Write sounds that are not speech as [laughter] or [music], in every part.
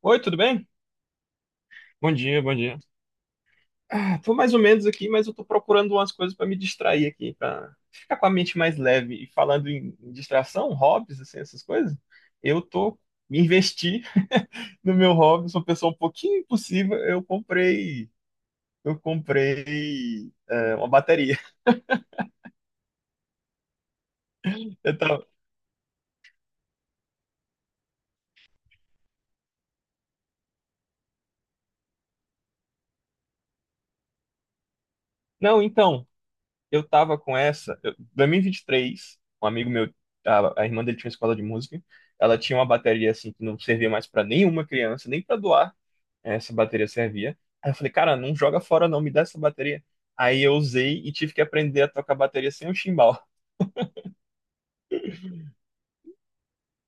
Oi, tudo bem? Bom dia, bom dia. Ah, tô mais ou menos aqui, mas eu tô procurando umas coisas para me distrair aqui, para ficar com a mente mais leve. E falando em distração, hobbies, assim, essas coisas, eu tô me investi [laughs] no meu hobby. Sou uma pessoa um pouquinho impossível. Eu comprei uma bateria. [laughs] Eu tava- Não, então, eu tava com essa, eu, 2023, um amigo meu, a irmã dele tinha uma escola de música. Ela tinha uma bateria assim que não servia mais para nenhuma criança, nem para doar. Essa bateria servia. Aí eu falei, cara, não joga fora não, me dá essa bateria. Aí eu usei e tive que aprender a tocar bateria sem o chimbal.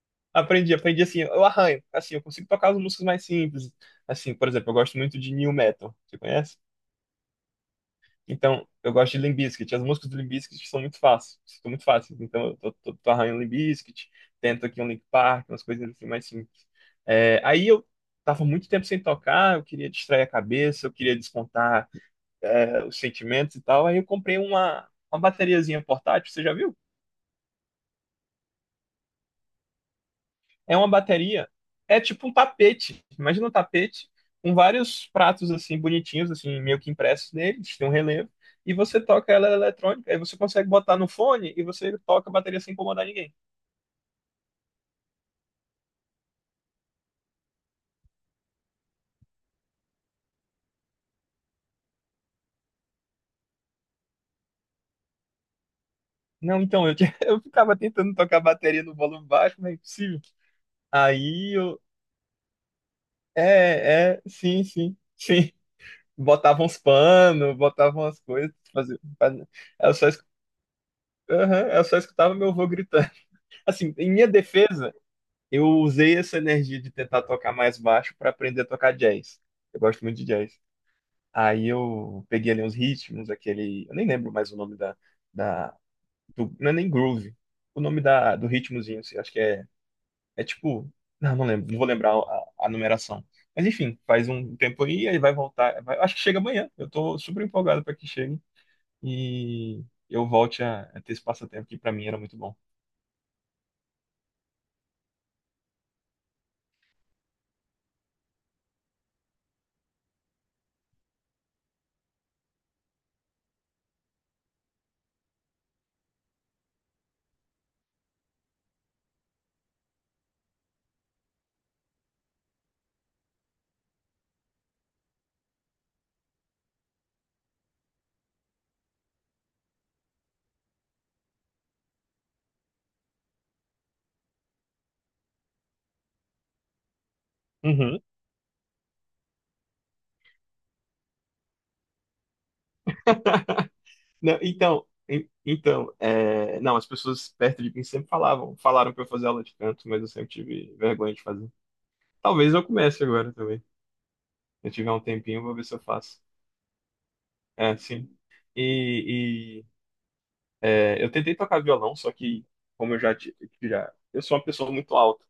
[laughs] Aprendi, aprendi assim, eu arranho, assim, eu consigo tocar as músicas mais simples. Assim, por exemplo, eu gosto muito de new metal, você conhece? Então, eu gosto de Limp Bizkit, as músicas do Limp Bizkit são muito fáceis, são muito fáceis. Então, eu tô arranhando Limp Bizkit, tento aqui um Linkin Park, umas coisinhas assim mais simples. É, aí eu tava muito tempo sem tocar, eu queria distrair a cabeça, eu queria descontar os sentimentos e tal. Aí eu comprei uma bateriazinha portátil, você já viu? É uma bateria, é tipo um tapete. Imagina um tapete com vários pratos assim bonitinhos, assim, meio que impressos neles, tem um relevo, e você toca ela eletrônica, aí você consegue botar no fone e você toca a bateria sem incomodar ninguém. Não, então, [laughs] eu ficava tentando tocar a bateria no volume baixo, mas é impossível. Aí eu. É, é, sim, sim, sim. Botavam uns panos, botavam as coisas, fazia, fazia- eu só Aham, eu só escutava meu avô gritando. [laughs] Assim, em minha defesa, eu usei essa energia de tentar tocar mais baixo para aprender a tocar jazz. Eu gosto muito de jazz. Aí eu peguei ali uns ritmos, aquele. Eu nem lembro mais o nome da. da não é nem groove. O nome da, do ritmozinho, assim, acho que é. É tipo. Não, não lembro, não vou lembrar a numeração. Mas enfim, faz um tempo aí, vai voltar. Acho que chega amanhã. Eu tô super empolgado para que chegue e eu volte a ter esse passatempo que para mim era muito bom. Uhum. Não, então, não, as pessoas perto de mim sempre falavam, falaram pra eu fazer aula de canto, mas eu sempre tive vergonha de fazer. Talvez eu comece agora também. Se eu tiver um tempinho, eu vou ver se eu faço. É, sim. E, e, eu tentei tocar violão, só que como eu já, eu sou uma pessoa muito alta.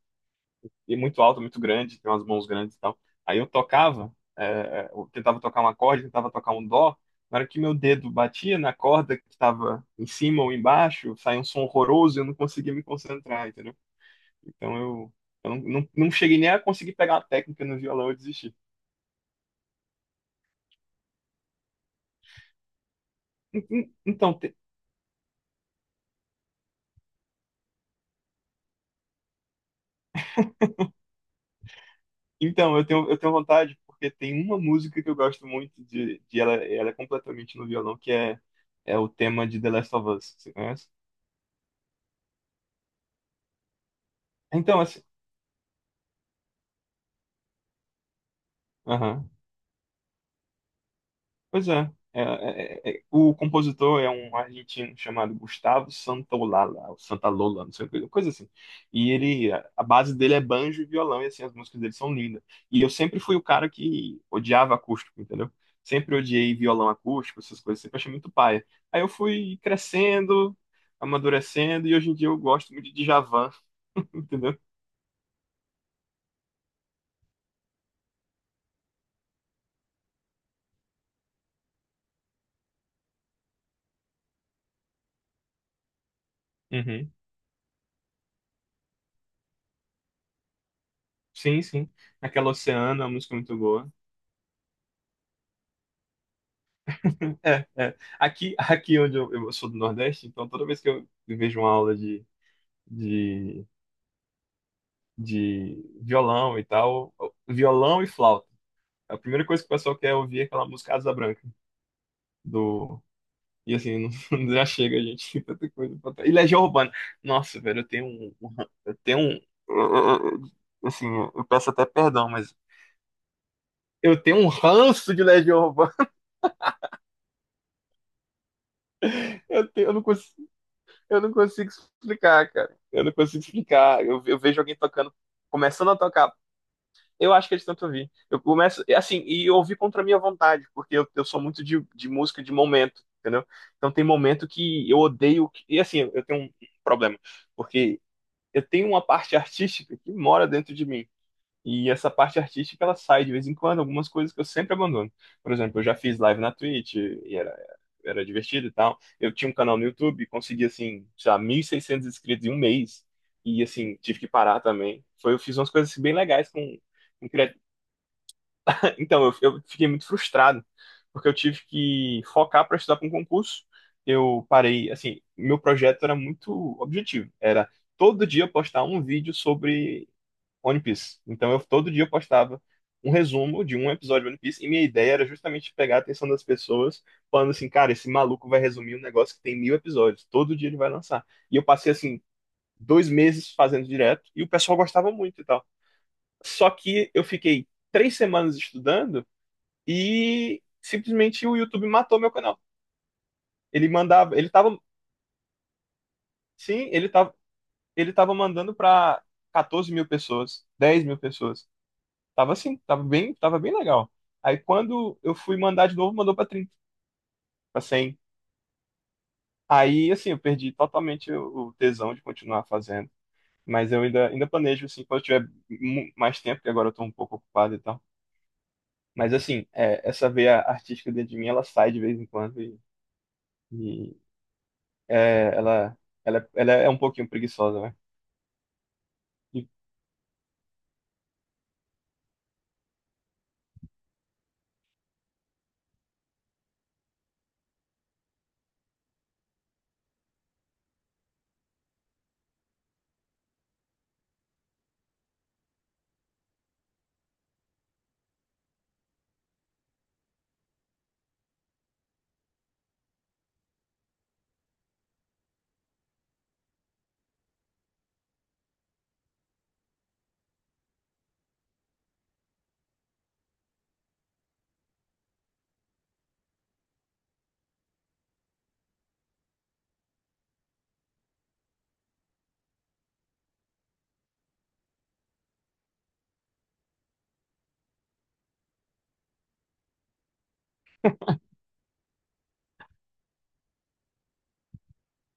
E muito alto, muito grande, tem umas mãos grandes e tal. Aí eu tocava, eu tentava tocar um acorde, tentava tocar um dó, na hora que meu dedo batia na corda que estava em cima ou embaixo, saía um som horroroso e eu não conseguia me concentrar, entendeu? Então eu não, não, não cheguei nem a conseguir pegar a técnica no violão, eu desisti. En- en- Então, te- então eu tenho vontade, porque tem uma música que eu gosto muito de ela é completamente no violão, que é o tema de The Last of Us, você conhece? Então, assim, aham. Pois é. O compositor é um argentino chamado Gustavo Santaolalla, ou Santalola, não sei, coisa coisa assim. E ele, a base dele é banjo e violão, e assim, as músicas dele são lindas. E eu sempre fui o cara que odiava acústico, entendeu? Sempre odiei violão acústico, essas coisas, sempre achei muito paia. Aí eu fui crescendo, amadurecendo, e hoje em dia eu gosto muito de Djavan, [laughs] entendeu? Uhum. Sim, sim. Aquela Oceana, é uma música muito boa. É, é. Aqui onde eu sou do Nordeste, então toda vez que eu vejo uma aula de, de violão e tal, violão e flauta, é a primeira coisa que o pessoal quer ouvir é aquela música Asa Branca, do... E assim, [laughs] não, já chega, gente, tem tanta coisa pra trás. E Legião Urbana. Nossa, velho, eu tenho um... Assim, eu peço até perdão, mas... Eu tenho um ranço de Legião Urbana. [laughs] Eu não consigo. Eu não consigo explicar, cara. Eu não consigo explicar. Eu vejo alguém tocando, começando a tocar. Eu acho que eles tentam ouvir. Eu começo, assim, e eu ouvi contra a minha vontade, porque eu sou muito de música de momento, entendeu? Então tem momento que eu odeio. E assim, eu tenho um problema, porque eu tenho uma parte artística que mora dentro de mim. E essa parte artística, ela sai de vez em quando, algumas coisas que eu sempre abandono. Por exemplo, eu já fiz live na Twitch e era divertido e tal. Eu tinha um canal no YouTube, consegui, assim, sei lá, 1.600 inscritos em um mês. E, assim, tive que parar também. Foi, eu fiz umas coisas assim, bem legais com... com cria- [laughs] Então, eu fiquei muito frustrado, porque eu tive que focar para estudar para um concurso. Eu parei, assim, meu projeto era muito objetivo. Era todo dia eu postar um vídeo sobre One Piece. Então eu todo dia eu postava um resumo de um episódio de One Piece, e minha ideia era justamente pegar a atenção das pessoas, falando assim, cara, esse maluco vai resumir um negócio que tem mil episódios, todo dia ele vai lançar. E eu passei assim 2 meses fazendo direto e o pessoal gostava muito e tal. Só que eu fiquei 3 semanas estudando e simplesmente o YouTube matou meu canal. Ele mandava, ele tava, sim, ele tava mandando para 14 mil pessoas, 10 mil pessoas. Tava assim, tava bem legal. Aí quando eu fui mandar de novo, mandou pra 30 pra 100. Aí assim, eu perdi totalmente o tesão de continuar fazendo. Mas eu ainda planejo assim, quando eu tiver mais tempo, porque agora eu tô um pouco ocupado e tal. Mas assim, essa veia artística dentro de mim, ela sai de vez em quando e, e, é, ela, ela é um pouquinho preguiçosa, né? E-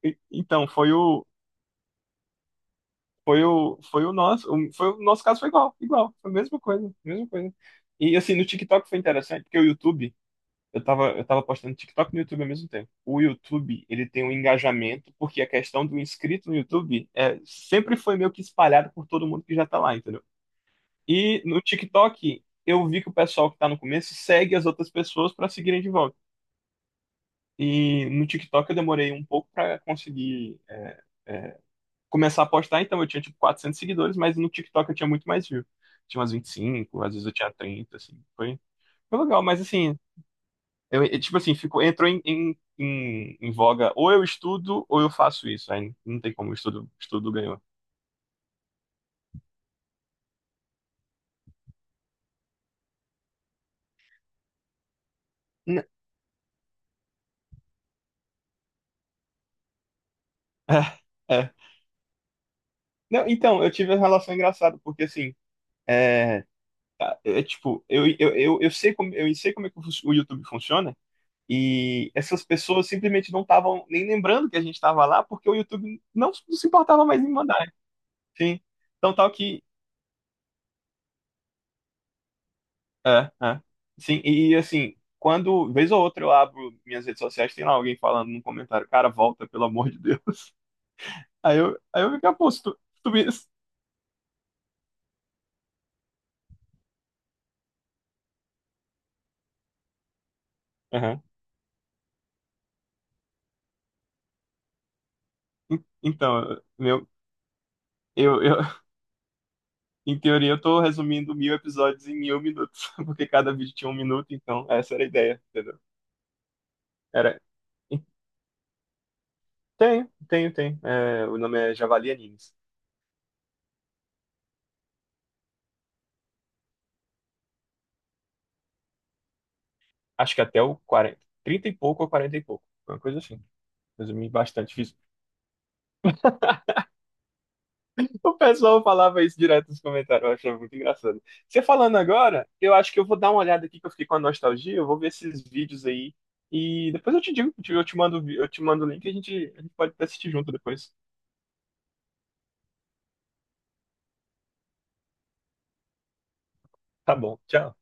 então, foi o nosso caso foi igual, igual, foi a mesma coisa, mesma coisa. E assim, no TikTok foi interessante, porque o YouTube... Eu tava postando TikTok e no YouTube ao mesmo tempo. O YouTube, ele tem um engajamento, porque a questão do inscrito no YouTube é, sempre foi meio que espalhado por todo mundo que já tá lá, entendeu? E no TikTok, eu vi que o pessoal que tá no começo segue as outras pessoas pra seguirem de volta. E no TikTok eu demorei um pouco pra conseguir começar a postar, então eu tinha tipo 400 seguidores, mas no TikTok eu tinha muito mais view. Tinha umas 25, às vezes eu tinha 30, assim. Foi legal, mas assim, eu, tipo assim, ficou, entrou em voga. Ou eu estudo ou eu faço isso. Aí não tem como, o estudo ganhou. N- [laughs] É, é. Não, então, eu tive uma relação engraçada, porque assim, é, tipo, eu sei como, eu sei como é que o YouTube funciona, e essas pessoas simplesmente não estavam nem lembrando que a gente estava lá, porque o YouTube não se importava mais em mandar. Sim. Então, tal que é, é. Sim, e, assim, quando, vez ou outra, eu abro minhas redes sociais, tem lá alguém falando num comentário, cara, volta, pelo amor de Deus. [laughs] Aí eu fico, "Ah, pô, se tu, se tu me- se-". Aham. Então, meu, eu, eu, [laughs] em teoria, eu tô resumindo mil episódios em mil minutos, [laughs] porque cada vídeo tinha um minuto, então essa era a ideia, entendeu? Era. Tenho, tenho, tenho. É, o nome é Javali Animes. Acho que até o 40, 30 e pouco ou 40 e pouco. Uma coisa assim. Resumi bastante. Fiz. O pessoal falava isso direto nos comentários, eu achava muito engraçado. Você falando agora, eu acho que eu vou dar uma olhada aqui que eu fiquei com a nostalgia, eu vou ver esses vídeos aí e depois eu te digo, eu te mando o link, e a gente pode assistir junto depois. Tá bom, tchau.